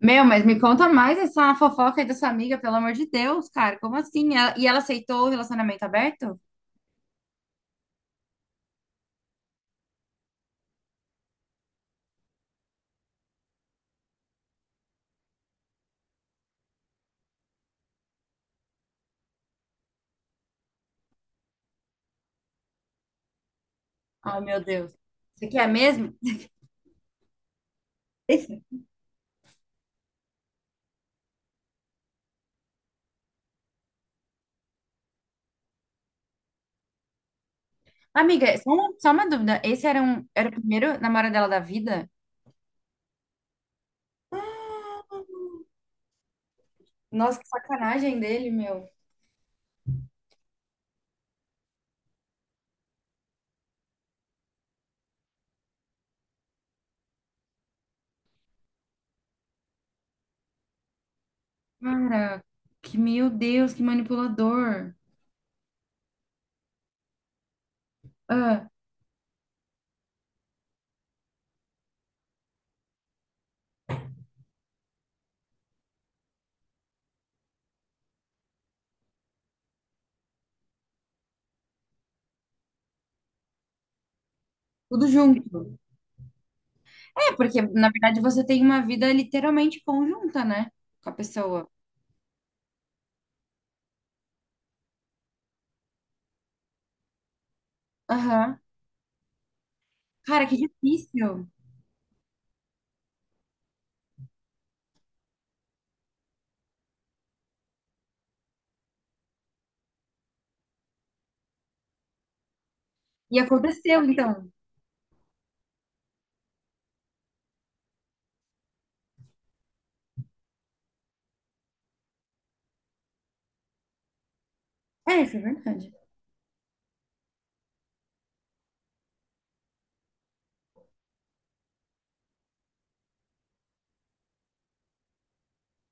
Meu, mas me conta mais essa fofoca aí da sua amiga, pelo amor de Deus, cara. Como assim? Ela- E ela aceitou o relacionamento aberto? Ai, meu Deus. Você quer mesmo? Esse- Amiga, só uma dúvida. Esse era, um, era o primeiro namorado dela da vida? Ah, nossa, que sacanagem dele, meu. Cara, que meu Deus, que manipulador. Ah, tudo junto. É, porque na verdade você tem uma vida literalmente conjunta, né? Com a pessoa. Aham. Cara, que difícil. E aconteceu, então. É, isso é verdade.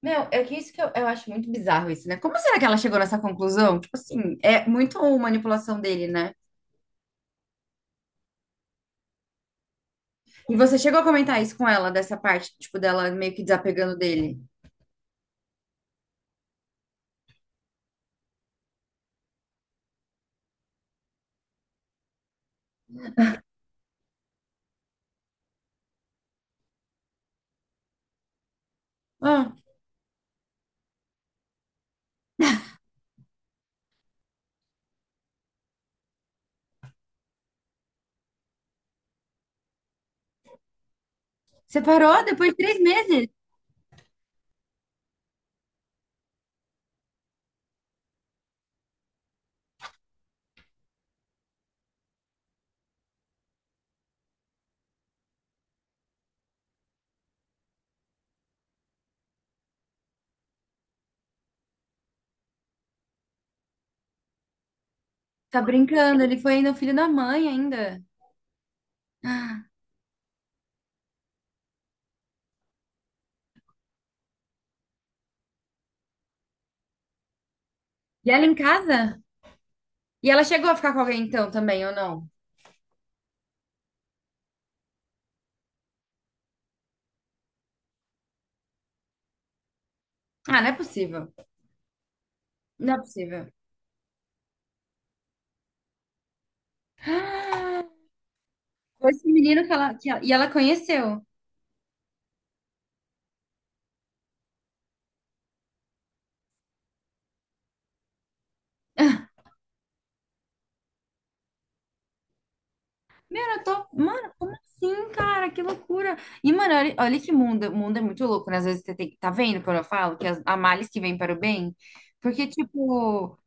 Meu, é que isso que eu acho muito bizarro isso, né? Como será que ela chegou nessa conclusão? Tipo assim, é muito manipulação dele, né? E você chegou a comentar isso com ela, dessa parte, tipo, dela meio que desapegando dele. Ah, separou depois de 3 meses? Tá brincando, ele foi ainda o filho da mãe ainda. Ah, e ela em casa? E ela chegou a ficar com alguém então também, ou não? Ah, não é possível. Não é possível. Foi esse menino que ela- e ela conheceu. Meu, eu tô. Mano, como assim, cara? Que loucura. E, mano, olha, olha que mundo. O mundo é muito louco, né? Às vezes você tem. Tá vendo quando eu falo que as, há males que vêm para o bem? Porque, tipo.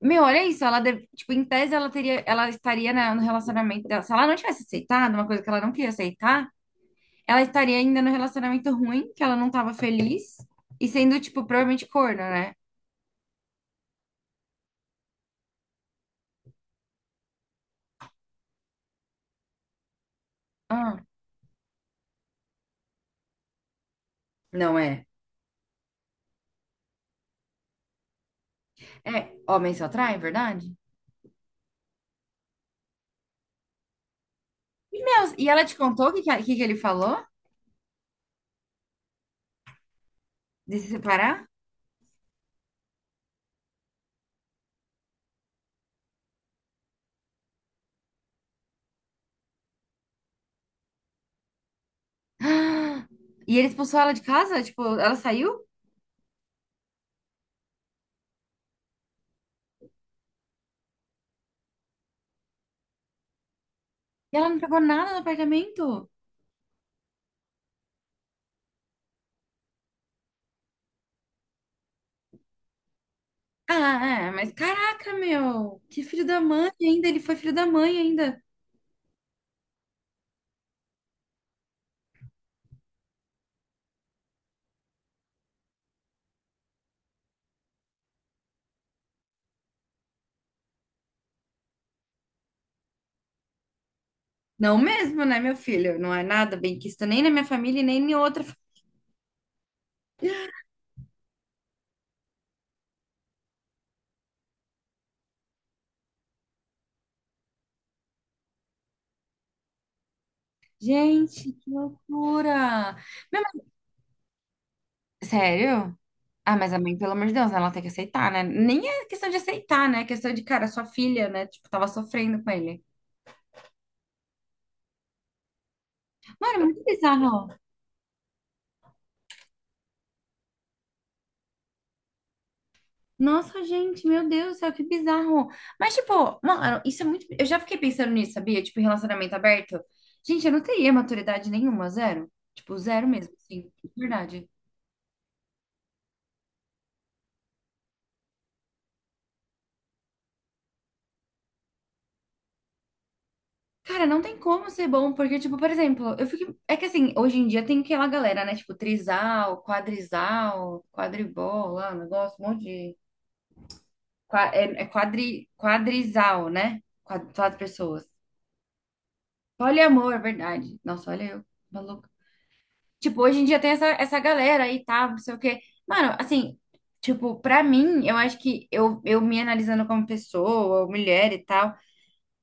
Meu, olha isso. Ela deve- tipo, em tese, ela teria, ela estaria na- no relacionamento dela. Se ela não tivesse aceitado uma coisa que ela não queria aceitar, ela estaria ainda no relacionamento ruim, que ela não tava feliz. E sendo, tipo, provavelmente corna, né? Ah, não é. É, homem só atrai, é verdade? Deus, e ela te contou o que, que, a- que que ele falou de se separar? E ele expulsou ela de casa? Tipo, ela saiu? E ela não pegou nada no apartamento? Ah, é, mas caraca, meu. Que filho da mãe ainda. Ele foi filho da mãe ainda. Não mesmo, né, meu filho? Não é nada bem quisto nem na minha família, e nem em outra. Fa- Gente, que loucura. Meu, mas- Sério? Ah, mas a mãe, pelo amor de Deus, ela tem que aceitar, né? Nem é questão de aceitar, né? É questão de, cara, sua filha, né? Tipo, tava sofrendo com ele. Mano, é muito bizarro. Nossa, gente, meu Deus do céu, que bizarro. Mas, tipo, mano, isso é muito. Eu já fiquei pensando nisso, sabia? Tipo, em relacionamento aberto. Gente, eu não teria maturidade nenhuma, zero. Tipo, zero mesmo, assim, de verdade. Cara, não tem como ser bom, porque, tipo, por exemplo, eu fiquei. É que assim, hoje em dia tem aquela galera, né? Tipo, trisal, quadrisal, quadribol, lá, um negócio, um monte de. Qua- é, é quadri... quadrisal, né? Quatro, quatro pessoas. Poliamor, verdade. Nossa, olha eu, maluco. Tipo, hoje em dia tem essa, essa galera aí, tá, não sei o quê. Mano, assim, tipo, pra mim, eu acho que eu me analisando como pessoa, mulher e tal,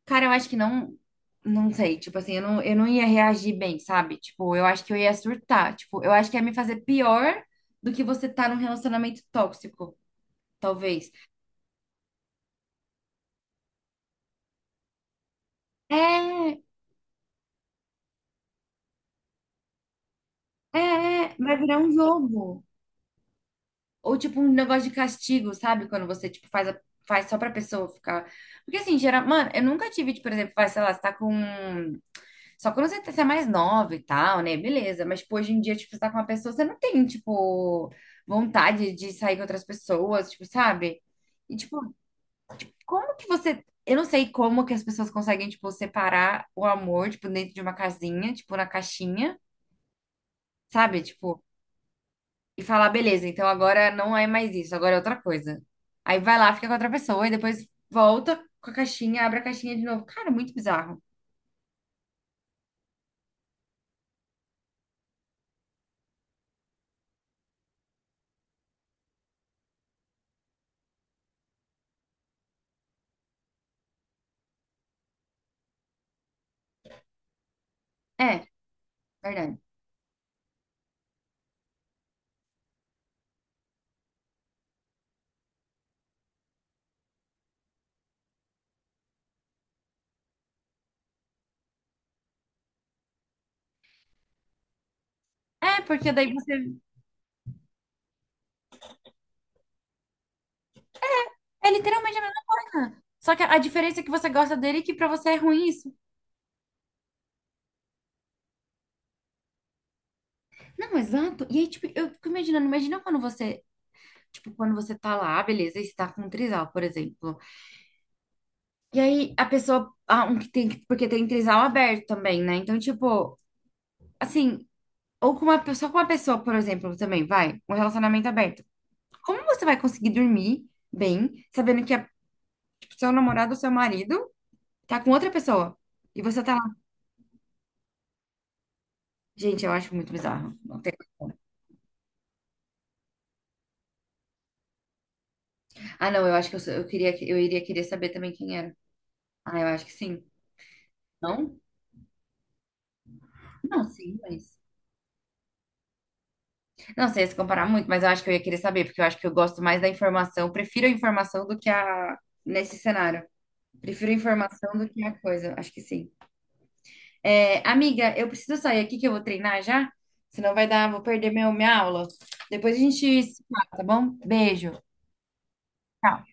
cara, eu acho que não, não sei, tipo assim, eu não ia reagir bem, sabe? Tipo, eu acho que eu ia surtar, tipo, eu acho que ia me fazer pior do que você tá num relacionamento tóxico, talvez. É, é, é, vai virar um jogo. Ou tipo um negócio de castigo, sabe? Quando você tipo faz a- faz só pra pessoa ficar. Porque assim, geral, mano, eu nunca tive, tipo, por exemplo, vai, sei lá, você tá com só quando você, tá- você é mais nova e tal, né? Beleza, mas tipo, hoje em dia, tipo, você tá com uma pessoa, você não tem, tipo, vontade de sair com outras pessoas, tipo, sabe? E tipo, como que você Eu não sei como que as pessoas conseguem, tipo, separar o amor, tipo, dentro de uma casinha, tipo, na caixinha, sabe? Tipo, e falar, beleza, então agora não é mais isso, agora é outra coisa. Aí vai lá, fica com outra pessoa e depois volta com a caixinha, abre a caixinha de novo. Cara, muito bizarro. É, verdade. É, porque daí você. É literalmente a mesma coisa. Só que a diferença é que você gosta dele e que pra você é ruim isso. Não, exato. E aí, tipo, eu fico imaginando, imagina quando você, tipo, quando você tá lá, "Ah, beleza, e você tá com um trisal, por exemplo. E aí a pessoa, ah, um que tem, porque tem trisal aberto também, né? Então, tipo, assim, ou com uma, pe- só com uma pessoa, por exemplo, também, vai, um relacionamento aberto. Como você vai conseguir dormir bem, sabendo que a, tipo, seu namorado ou seu marido tá com outra pessoa? E você tá lá. Gente, eu acho muito bizarro. Não tem como. Ah, não, eu acho que eu, sou- eu queria, que- eu iria querer saber também quem era. Ah, eu acho que sim. Não? Não, sim, mas. Não sei se comparar muito, mas eu acho que eu ia querer saber, porque eu acho que eu gosto mais da informação. Prefiro a informação do que a. Nesse cenário. Prefiro a informação do que a coisa. Acho que sim. É, amiga, eu preciso sair aqui que eu vou treinar já, senão vai dar, vou perder meu, minha aula. Depois a gente se fala, tá bom? Beijo. Tchau.